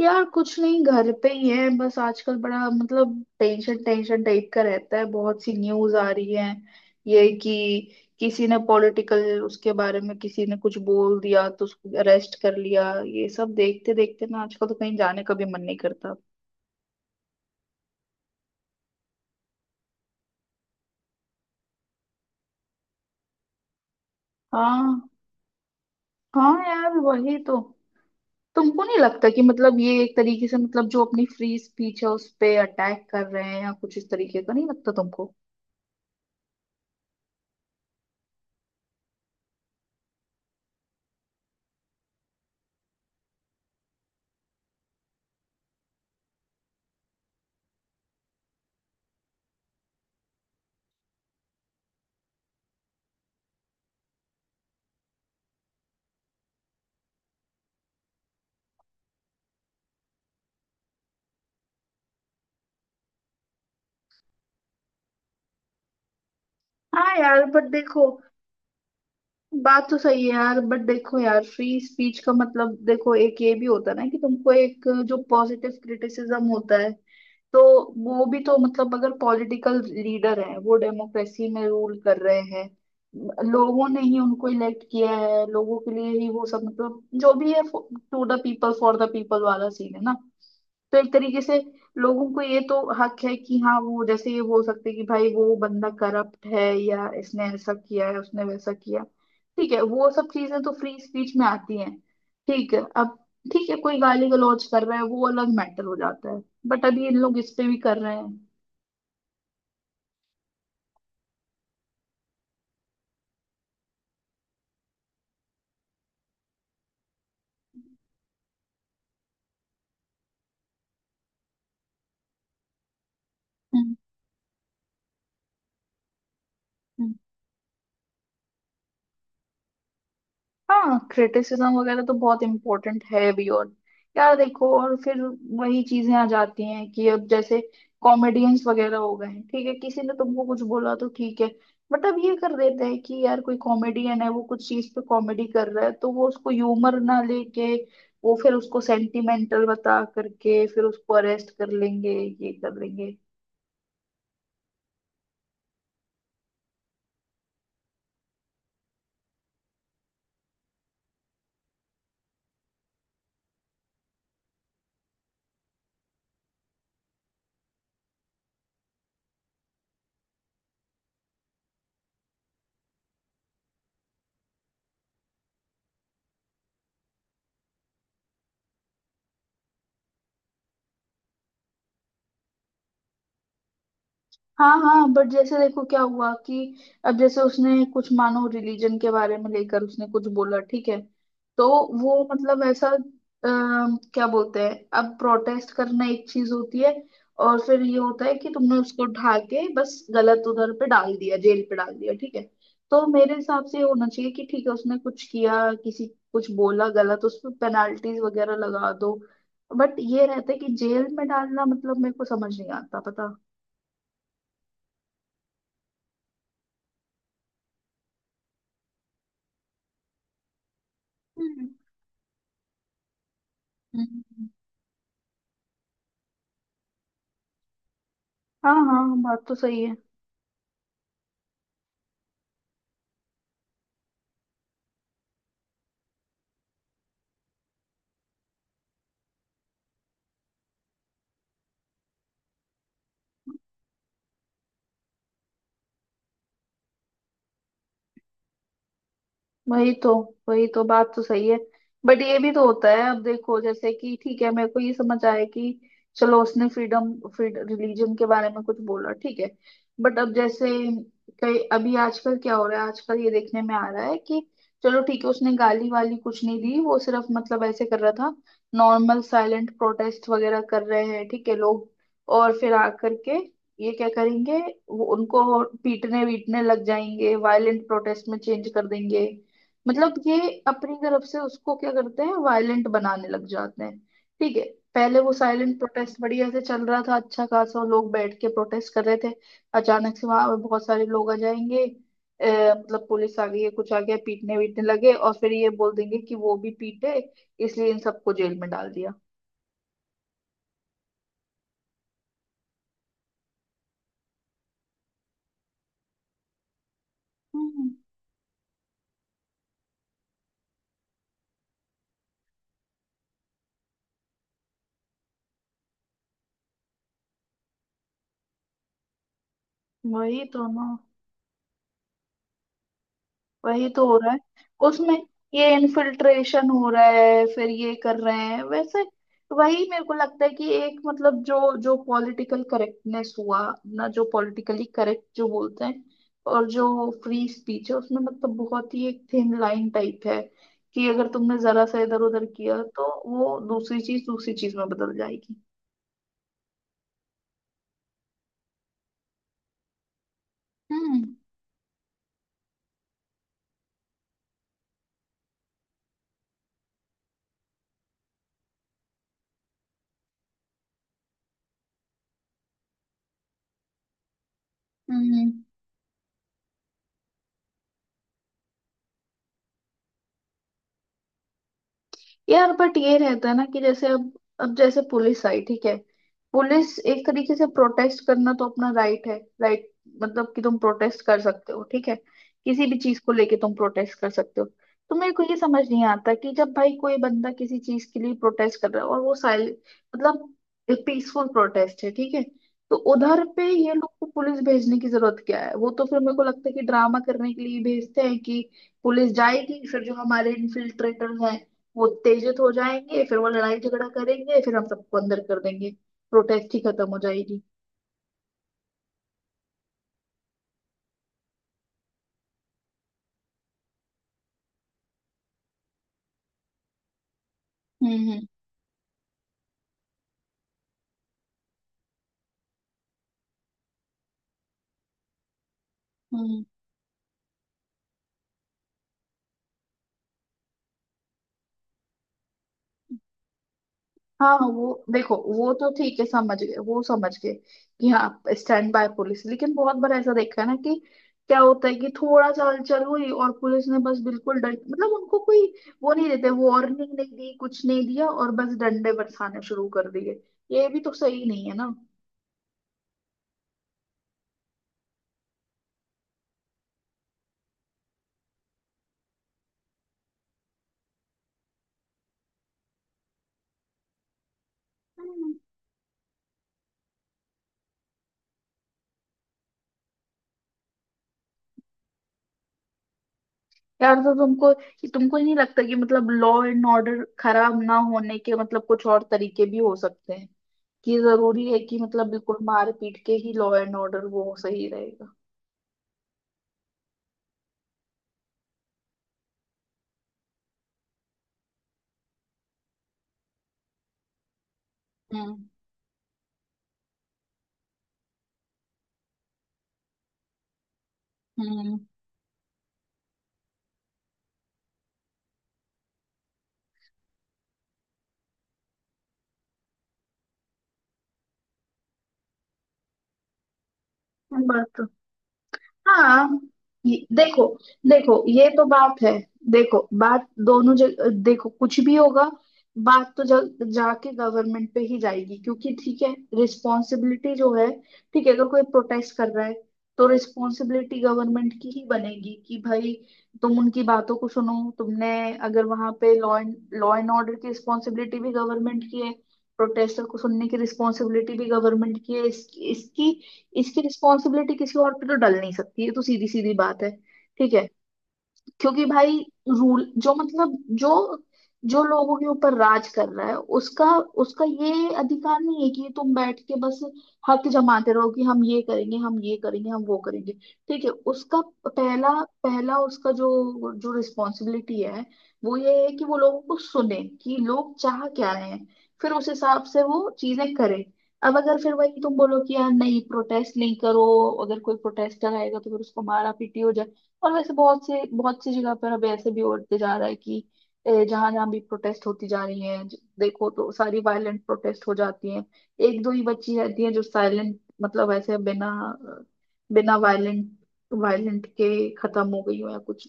यार कुछ नहीं, घर पे ही है बस। आजकल बड़ा मतलब टेंशन टेंशन टाइप का रहता है। बहुत सी न्यूज आ रही है ये कि किसी ने पॉलिटिकल उसके बारे में किसी ने कुछ बोल दिया तो उसको अरेस्ट कर लिया। ये सब देखते देखते ना आजकल तो कहीं जाने का भी मन नहीं करता। हाँ हाँ यार, वही तो। तुमको नहीं लगता कि मतलब ये एक तरीके से मतलब जो अपनी फ्री स्पीच है उस पे अटैक कर रहे हैं या कुछ इस तरीके का? नहीं लगता तुमको? हाँ यार, बट देखो, बात तो सही है यार। बट देखो यार, फ्री स्पीच का मतलब देखो, एक ये भी होता है ना कि तुमको एक जो पॉजिटिव क्रिटिसिज्म होता है, तो वो भी तो मतलब, अगर पॉलिटिकल लीडर है, वो डेमोक्रेसी में रूल कर रहे हैं, लोगों ने ही उनको इलेक्ट किया है, लोगों के लिए ही वो सब मतलब जो भी है, to the people for the people वाला सीन है ना। तो एक तरीके से लोगों को ये तो हक है कि हाँ, वो जैसे ये हो सकते कि भाई वो बंदा करप्ट है या इसने ऐसा किया है उसने वैसा किया। ठीक है, वो सब चीजें तो फ्री स्पीच में आती हैं। ठीक है, अब ठीक है कोई गाली गलौज कर रहा है, वो अलग मैटर हो जाता है। बट अभी इन लोग इस पे भी कर रहे हैं। हम्म, हम्म। हाँ, क्रिटिसिज्म वगैरह तो बहुत इम्पोर्टेंट है भी। और यार देखो, और फिर वही चीजें आ जाती हैं कि अब जैसे कॉमेडियंस वगैरह हो गए हैं, ठीक है किसी ने तुमको कुछ बोला तो ठीक है। बट अब ये कर देते हैं कि यार कोई कॉमेडियन है, वो कुछ चीज पे कॉमेडी कर रहा है तो वो उसको ह्यूमर ना लेके वो फिर उसको सेंटिमेंटल बता करके फिर उसको अरेस्ट कर लेंगे, ये कर लेंगे। हाँ हाँ, बट जैसे देखो क्या हुआ कि अब जैसे उसने कुछ मानो रिलीजन के बारे में लेकर उसने कुछ बोला, ठीक है। तो वो मतलब ऐसा क्या बोलते हैं, अब प्रोटेस्ट करना एक चीज होती है। और फिर ये होता है कि तुमने उसको ढा के बस गलत उधर पे डाल दिया, जेल पे डाल दिया। ठीक है, तो मेरे हिसाब से ये होना चाहिए कि ठीक है उसने कुछ किया, किसी कुछ बोला गलत, उस पर पेनाल्टीज वगैरह लगा दो। बट ये रहता है कि जेल में डालना मतलब मेरे को समझ नहीं आता, पता। हम्म, हाँ हाँ, बात तो सही है। वही तो, बात तो सही है। बट ये भी तो होता है, अब देखो जैसे कि ठीक है मेरे को ये समझ आया कि चलो उसने फ्रीडम फ्रीड रिलीजन के बारे में कुछ बोला, ठीक है। बट अब जैसे कई अभी आजकल क्या हो रहा है, आजकल ये देखने में आ रहा है कि चलो ठीक है उसने गाली वाली कुछ नहीं दी, वो सिर्फ मतलब ऐसे कर रहा था, नॉर्मल साइलेंट प्रोटेस्ट वगैरह कर रहे हैं ठीक है लोग। और फिर आकर के ये क्या करेंगे, वो उनको पीटने वीटने लग जाएंगे, वायलेंट प्रोटेस्ट में चेंज कर देंगे। मतलब ये अपनी तरफ से उसको क्या करते हैं, वायलेंट बनाने लग जाते हैं। ठीक है, पहले वो साइलेंट प्रोटेस्ट बढ़िया से चल रहा था, अच्छा खासा लोग बैठ के प्रोटेस्ट कर रहे थे। अचानक से वहां बहुत सारे लोग आ जाएंगे, मतलब पुलिस आ गई है कुछ आ गया, पीटने वीटने लगे और फिर ये बोल देंगे कि वो भी पीटे, इसलिए इन सबको जेल में डाल दिया। हम्म। वही तो ना, वही तो हो रहा है। उसमें ये इन्फिल्ट्रेशन हो रहा है फिर ये कर रहे हैं वैसे। वही मेरे को लगता है कि एक मतलब जो जो पॉलिटिकल करेक्टनेस हुआ ना, जो पॉलिटिकली करेक्ट जो बोलते हैं और जो फ्री स्पीच है, उसमें मतलब बहुत ही एक थिन लाइन टाइप है कि अगर तुमने जरा सा इधर उधर किया तो वो दूसरी चीज में बदल जाएगी। हम्म हम्म। यार बट ये रहता है ना कि जैसे अब जैसे पुलिस आई ठीक है, पुलिस एक तरीके से, प्रोटेस्ट करना तो अपना राइट है, राइट? मतलब कि तुम प्रोटेस्ट कर सकते हो ठीक है, किसी भी चीज को लेके तुम प्रोटेस्ट कर सकते हो। तो मेरे को ये समझ नहीं आता कि जब भाई कोई बंदा किसी चीज के लिए प्रोटेस्ट कर रहा है और वो साइल मतलब पीसफुल प्रोटेस्ट है, ठीक है। तो उधर पे ये लोग को पुलिस भेजने की जरूरत क्या है? वो तो फिर मेरे को लगता है कि ड्रामा करने के लिए भेजते हैं कि पुलिस जाएगी, फिर जो हमारे इन्फिल्ट्रेटर्स हैं वो उत्तेजित हो जाएंगे, फिर वो लड़ाई झगड़ा करेंगे, फिर हम सबको अंदर कर देंगे, प्रोटेस्ट ही खत्म हो जाएगी। हम्म हम्म हम्म। हाँ हाँ, वो देखो वो तो ठीक है, समझ गए वो समझ गए कि हाँ स्टैंड बाय पुलिस। लेकिन बहुत बार ऐसा देखा है ना कि क्या होता है कि थोड़ा सा हलचल हुई और पुलिस ने बस बिल्कुल डर, मतलब उनको कोई वो नहीं देते, वार्निंग नहीं दी कुछ नहीं दिया और बस डंडे बरसाने शुरू कर दिए। ये भी तो सही नहीं है ना। यार तो तुमको, ही नहीं लगता कि मतलब लॉ एंड ऑर्डर खराब ना होने के मतलब कुछ और तरीके भी हो सकते हैं? कि जरूरी है कि मतलब बिल्कुल मार पीट के ही लॉ एंड ऑर्डर वो सही रहेगा? हम्म हम्म, बात तो हाँ। देखो देखो, ये तो बात है। देखो बात दोनों जगह, देखो कुछ भी होगा, बात तो जाके गवर्नमेंट पे ही जाएगी। क्योंकि ठीक है रिस्पॉन्सिबिलिटी जो है, ठीक है अगर कोई प्रोटेस्ट कर रहा है तो रिस्पॉन्सिबिलिटी गवर्नमेंट की ही बनेगी कि भाई तुम उनकी बातों को सुनो। तुमने अगर वहां पे लॉ एंड ऑर्डर की रिस्पॉन्सिबिलिटी भी गवर्नमेंट की है, प्रोटेस्टर को सुनने की रिस्पॉन्सिबिलिटी भी गवर्नमेंट की है। इसकी, रिस्पॉन्सिबिलिटी किसी और पे तो डल नहीं सकती, ये तो सीधी सीधी बात है। ठीक है, क्योंकि भाई रूल जो मतलब जो जो लोगों के ऊपर राज कर रहा है, उसका, ये अधिकार नहीं है कि तुम बैठ के बस हक जमाते रहो कि हम ये करेंगे हम ये करेंगे हम वो करेंगे। ठीक है, उसका पहला, उसका जो जो रिस्पॉन्सिबिलिटी है, वो ये है कि वो लोगों को सुने कि लोग चाह क्या रहे हैं, फिर उस हिसाब से वो चीजें करे। अब अगर फिर वही तुम बोलो कि यार नहीं प्रोटेस्ट नहीं करो, अगर कोई प्रोटेस्टर आएगा तो फिर उसको मारा पीटी हो जाए। और वैसे बहुत सी जगह पर अब ऐसे भी होते जा रहा है कि जहां जहां भी प्रोटेस्ट होती जा रही है, देखो तो सारी वायलेंट प्रोटेस्ट हो जाती हैं। एक दो ही बच्ची रहती है जो साइलेंट मतलब ऐसे बिना, बिना वायलेंट, वायलेंट के खत्म हो गई हो या कुछ,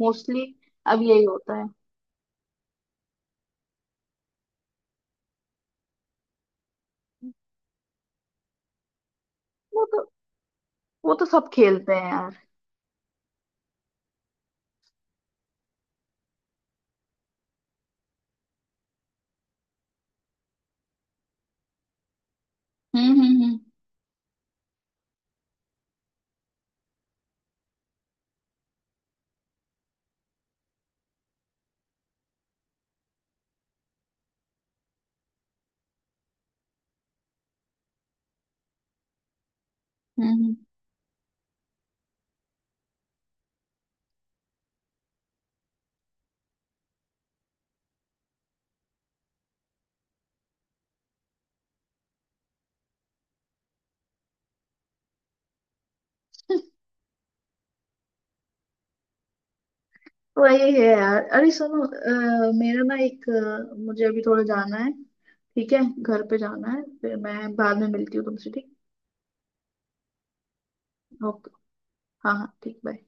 मोस्टली अब यही होता है। वो तो, सब खेलते हैं यार। हम्म हम्म हम्म हम्म हम्म। वही है यार, अरे सुनो, मेरा ना एक, मुझे अभी थोड़ा जाना है। ठीक है घर पे जाना है, फिर मैं बाद में मिलती हूँ तुमसे, ठीक? ओके। हाँ हाँ ठीक, बाय।